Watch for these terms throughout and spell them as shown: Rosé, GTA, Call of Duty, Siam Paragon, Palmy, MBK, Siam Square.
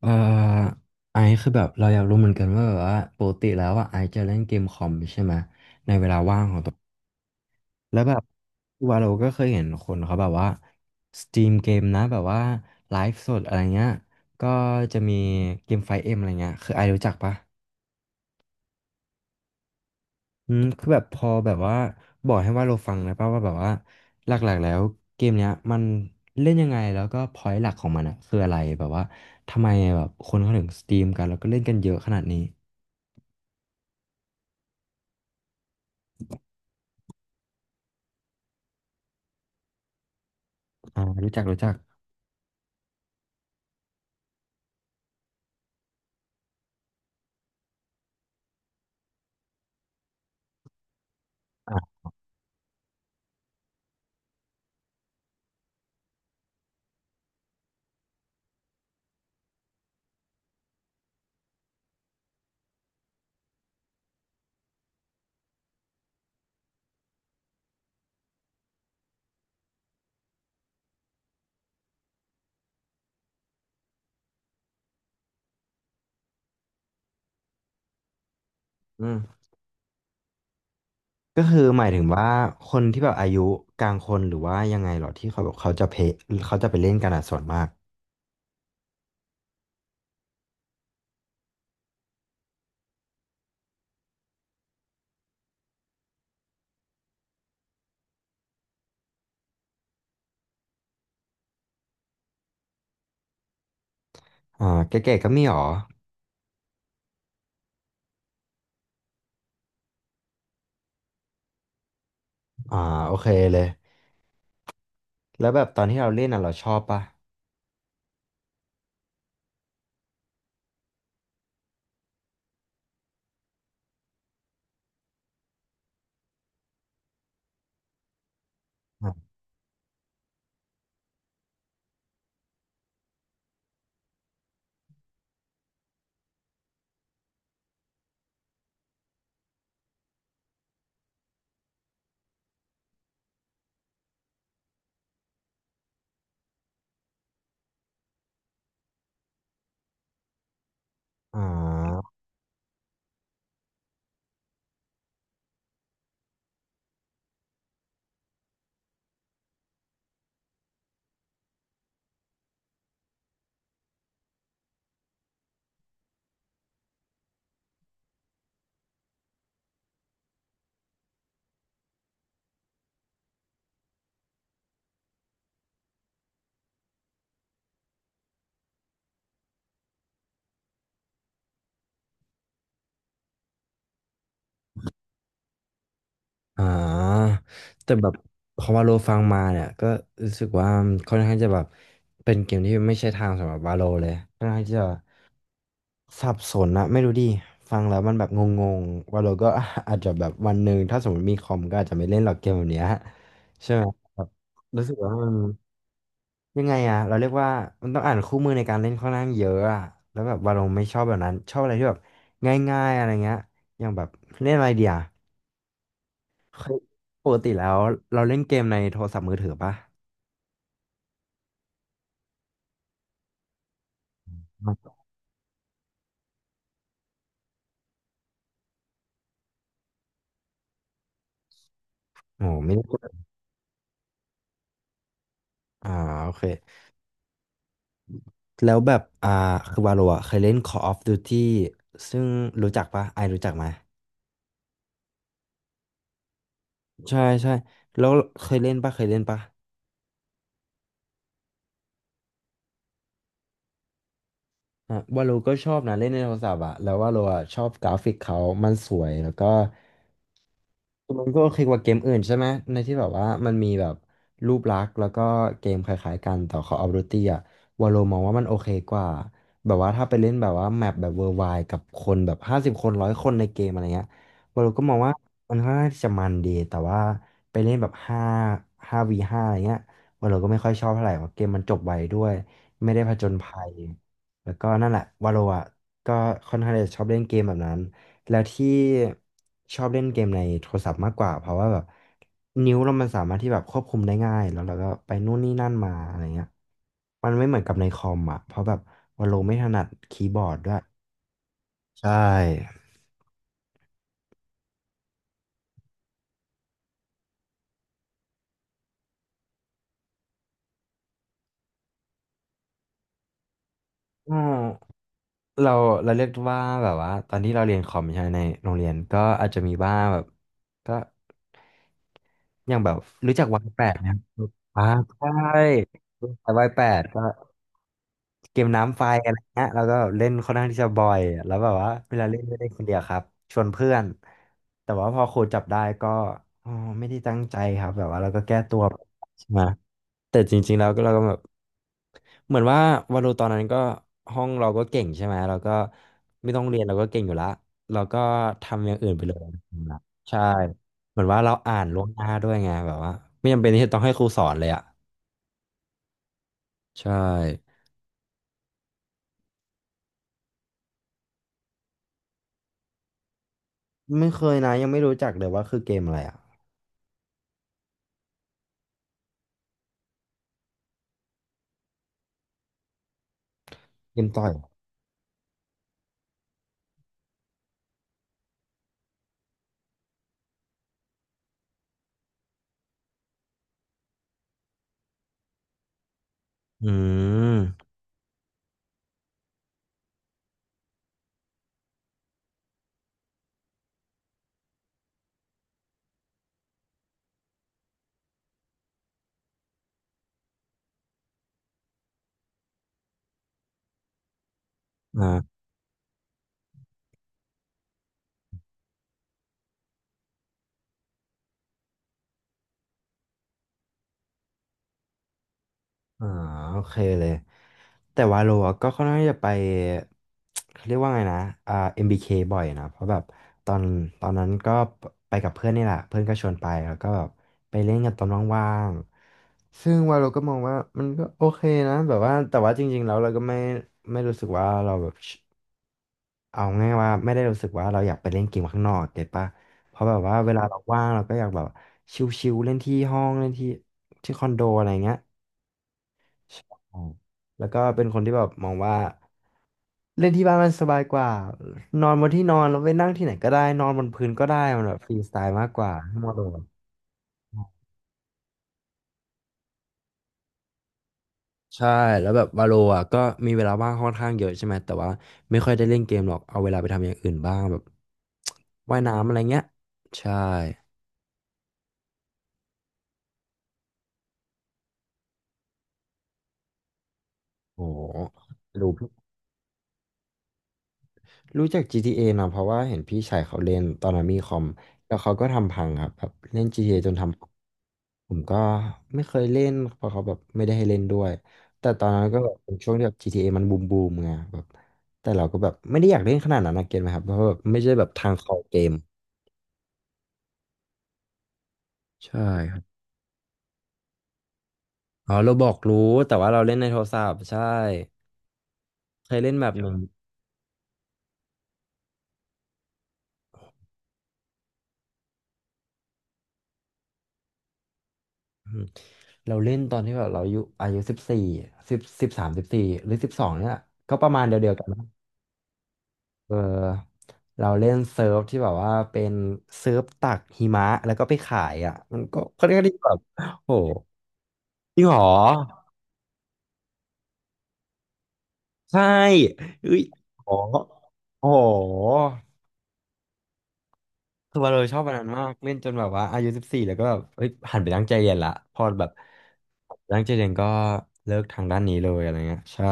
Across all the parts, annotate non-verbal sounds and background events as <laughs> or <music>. เอ่อไอซ์คือแบบเราอยากรู้เหมือนกันว่าแบบว่าปกติแล้วอ่ะไอซ์จะเล่นเกมคอมใช่ไหมเวลาว่างของตัวแล้วแบบวาโลก็เคยเห็นคนเขาแบบว่าสตรีมเกมนะแบบว่าไลฟ์สดอะไรเงี้ยก็จะมีเกมไฟเอ็มอะไรเงี้ยคือไอซ์รู้จักปะอืมคือแบบพอแบบว่าบอกให้วาเราฟังนะป่ะว่าแบบว่าหลักๆแล้วเกมเนี้ยมันเล่นยังไงแล้วก็พอยต์หลักของมันอะคืออะไรแบบว่าทำไมแบบคนเขาถึงสตรีมกันแล้วก็เล่นกันเยอะขนาดนี้อ่ารู้จักรู้จัก อ่ะอืมก็คือหมายถึงว่าคนที่แบบอายุกลางคนหรือว่ายังไงเหรอที่เขาแบบเขาจะเพเขาจะไปเล่นกันอ่ะส่วนมากอ่าแก่ๆก็มีหรอ อ่าโอเคเลย แล้วแบบตอนที่เราเล่นอ่ะเราชอบปะอ่าอ่า อ่าแต่แบบพอวาโลฟังมาเนี่ยก็รู้สึกว่าค่อนข้างจะแบบเป็นเกมที่ไม่ใช่ทางสำหรับวาโลเลยค่อนข้างจะสับสนนะไม่รู้ดิฟังแล้วมันแบบงงๆวาโลก็ <laughs> อาจจะแบบวันหนึ่งถ้าสมมติมีคอมก็อาจจะไม่เล่นหรอกเกมแบบเนี้ยใช่ไหมแบบรู้สึกว่ามันยังไงอะเราเรียกว่ามันต้องอ่านคู่มือในการเล่นค่อนข้างเยอะอะแล้วแบบวาโลไม่ชอบแบบนั้นชอบอะไรที่แบบง่ายๆอะไรเงี้ยอย่างแบบเล่นอะไรเดียว เคยปกติแล้วเราเล่นเกมในโทรศัพท์มือถือปะไม่โอ้ไม่ได้กดอ่าโอเคแล้วแบบอ่าคือวาโลอ่ะเคยเล่น Call of Duty ซึ่งรู้จักปะไอรู้จักไหมใช่ใช่แล้วเคยเล่นปะเคยเล่นปะอ่ะวาโลก็ชอบนะเล่นในโทรศัพท์อ่ะแล้ววาโลอ่ะชอบกราฟิกเขามันสวยแล้วก็ มันก็โอเคกว่าเกมอื่นใช่ไหมในที่แบบว่ามันมีแบบรูปลักษณ์แล้วก็เกมคล้ายๆกันแต่เขาเอารูตีอะวาโลมองว่ามันโอเคกว่าแบบว่าถ้าไปเล่นแบบว่าแมปแบบเวอร์ไวกับคนแบบห้าสิบคนร้อยคนในเกมอะไรเงี้ยวาโลก็มองว่ามันค่อนข้างที่จะมันดีแต่ว่าไปเล่นแบบห้าวีห้าอะไรเงี้ยวาโลก็ไม่ค่อยชอบเท่าไหร่เพราะเกมมันจบไวด้วยไม่ได้ผจญภัยแล้วก็นั่นแหละวาโลอะก็ค่อนข้างที่จะชอบเล่นเกมแบบนั้น แล้วที่ชอบเล่นเกมในโทรศัพท์มากกว่าเพราะว่าแบบนิ้วเรามันสามารถที่แบบควบคุมได้ง่ายแล้วเราก็ไปนู่นนี่นั่นมาอะไรเงี้ยมันไม่เหมือนกับในคอมอ่ะเพราะแบบว่าเราไม่ถนัดคีย์บอร์ดด้วยใช่อืมเราเราเรียกว่าแบบว่าตอนที่เราเรียนคอมใช่ไหมในโรงเรียนก็อาจจะมีบ้างแบบก็อย่างแบบรู้จักวายแปดไหมครับอ่าใช่รู้จักวายแปดก็ เกมน้ำไฟอะไรเงี้ยแล้วก็เล่นค่อนข้างที่จะบ่อยแล้วแบบว่าเวลาเล่นไม่ได้คนเดียวครับชวนเพื่อนแต่ว่าพอครูจับได้ก็อ๋อไม่ได้ตั้งใจครับแบบว่าเราก็แก้ตัวใช่ไหมแต่จริงๆแล้วก็เราก็แบบเหมือนว่าวาโลตอนนั้นก็ห้องเราก็เก่งใช่ไหมเราก็ไม่ต้องเรียนเราก็เก่งอยู่ละเราก็ทำอย่างอื่นไปเลยนะใช่เหมือนว่าเราอ่านล่วงหน้าด้วยไงแบบว่าไม่จำเป็นที่จะต้องให้ครูสอนเลยอ่ะใช่ไม่เคยนะยังไม่รู้จักเลยว่าคือเกมอะไรอ่ะเกมต่อย อืมอ่า อ่าโอเคเลยแต่วาโลอะก็ค่อนข้างที่จะไป <tsk> เขาเรียกว่าไงนะอ่า MBK บเคบ่อยนะเพราะแบบตอนตอนนั้นก็ไปกับเพื่อนนี่แหละเพื่อนก็ชวนไปแล้วก็แบบไปเล่นกันตอนว่างๆซึ่งวาโลก็มองว่ามันก็โอเคนะแบบว่าแต่ว่าจริงๆแล้วเราก็ไม่รู้สึกว่าเราแบบเอาง่ายว่าไม่ได้รู้สึกว่าเราอยากไปเล่นเกมข้างนอกเก็ตปะเพราะแบบว่าเวลาเราว่างเราก็อยากแบบชิลๆเล่นที่ห้องเล่นที่ที่คอนโดอะไรเงี้ย อืมแล้วก็เป็นคนที่แบบมองว่าเล่นที่บ้านมันสบายกว่า นอนบนที่นอนแล้วไปนั่งที่ไหนก็ได้ นอนบนพื้นก็ได้มันแบบฟรีสไตล์มากกว่าให้โมโดนใช่ แล้วแบบวาโลอ่ะก็มีเวลาว่างค่อนข้างเยอะใช่ไหม แต่ว่าไม่ค่อยได้เล่นเกมหรอกเอาเวลาไปทำอย่างอื่นบ้างแบบ <tsk> ว่ายน้ำอะไรเงี้ย ใช่โหรู้ รู้จัก GTA นะเพราะว่าเห็นพี่ชายเขาเล่นตอนนั้นมีคอมแล้วเขาก็ทำพังครับแบบเล่น GTA จนทำผมก็ไม่เคยเล่นเพราะเขาแบบไม่ได้ให้เล่นด้วยแต่ตอนนั้นก็แบบเป็นช่วงที่แบบ GTA มันบูมไงแบบแต่เราก็แบบไม่ได้อยากเล่นขนาดนั้นนะเก็ตไหมครับเพราะว่าแบบไม่ใช่แบบทางคอเกมใช่ครับอ๋อเราบอกรู้แต่ว่าเราเล่นในโทรศัพท์ใช่เคยเล่นแบบหนึ่งอืมเราเล่นตอนที่แบบเราอายุสิบสี่สิบสามสิบสี่หรือ12เนี่ยก็ประมาณเดียวๆกัน เออเราเล่นเซิร์ฟที่แบบว่าเป็นเซิร์ฟตักหิมะแล้วก็ไปขายอ่ะมันก็ค่อนข้างที่แบบโหจริงเหรอใช่เอ้ยโหโอ้โหคือว่าเราชอบวันนั้นมากเล่นจนแบบว่าอายุสิบสี่แล้วก็แบบเฮ้ยหันไปตั้งใจเรียนละพอแบบตั้งใจเรียนก็เลิกทางด้านนี้เลยอะไรเงี้ยใช่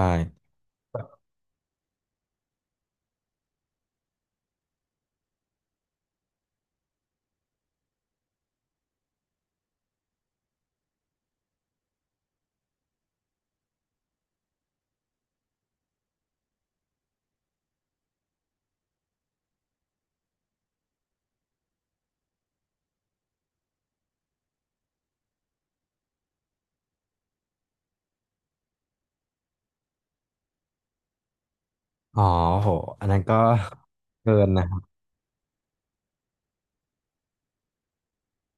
อ๋อโหอันนั้นก็ <laughs> เกินนะ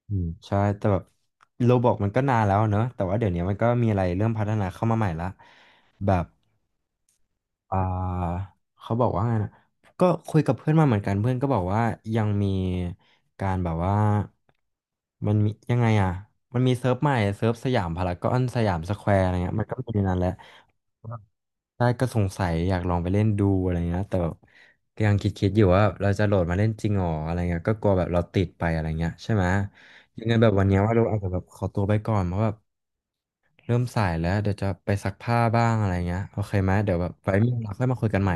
อืมใช่แต่แบบโรบอกมันก็นานแล้วเนอะแต่ว่าเดี๋ยวนี้มันก็มีอะไรเริ่มพัฒนาเข้ามาใหม่ละแบบอ่าเขาบอกว่าไงนะก็คุยกับเพื่อนมาเหมือนกันเพื่อนก็บอกว่ายังมีการแบบว่ามันมียังไงอ่ะมันมีเซิร์ฟใหม่เซิร์ฟสยามพารากอนสยามสแควร์อะไรเงี้ยมันก็มีในนั้นแหละ ใช่ก็สงสัยอยากลองไปเล่นดูอะไรเงี้ยแต่แบบก็ยังคิดๆอยู่ว่าเราจะโหลดมาเล่นจริงหรออะไรเงี้ยก็กลัวแบบเราติดไปอะไรเงี้ยใช่ไหมยังไงแบบวันเนี้ยว่าเราอาจจะแบบขอตัวไปก่อนเพราะแบบเริ่มสายแล้วเดี๋ยวจะไปซักผ้าบ้างอะไรเงี้ยโอเคไหมเดี๋ยวแบบไว้มีเวลาค่อยมาคุยกันใหม่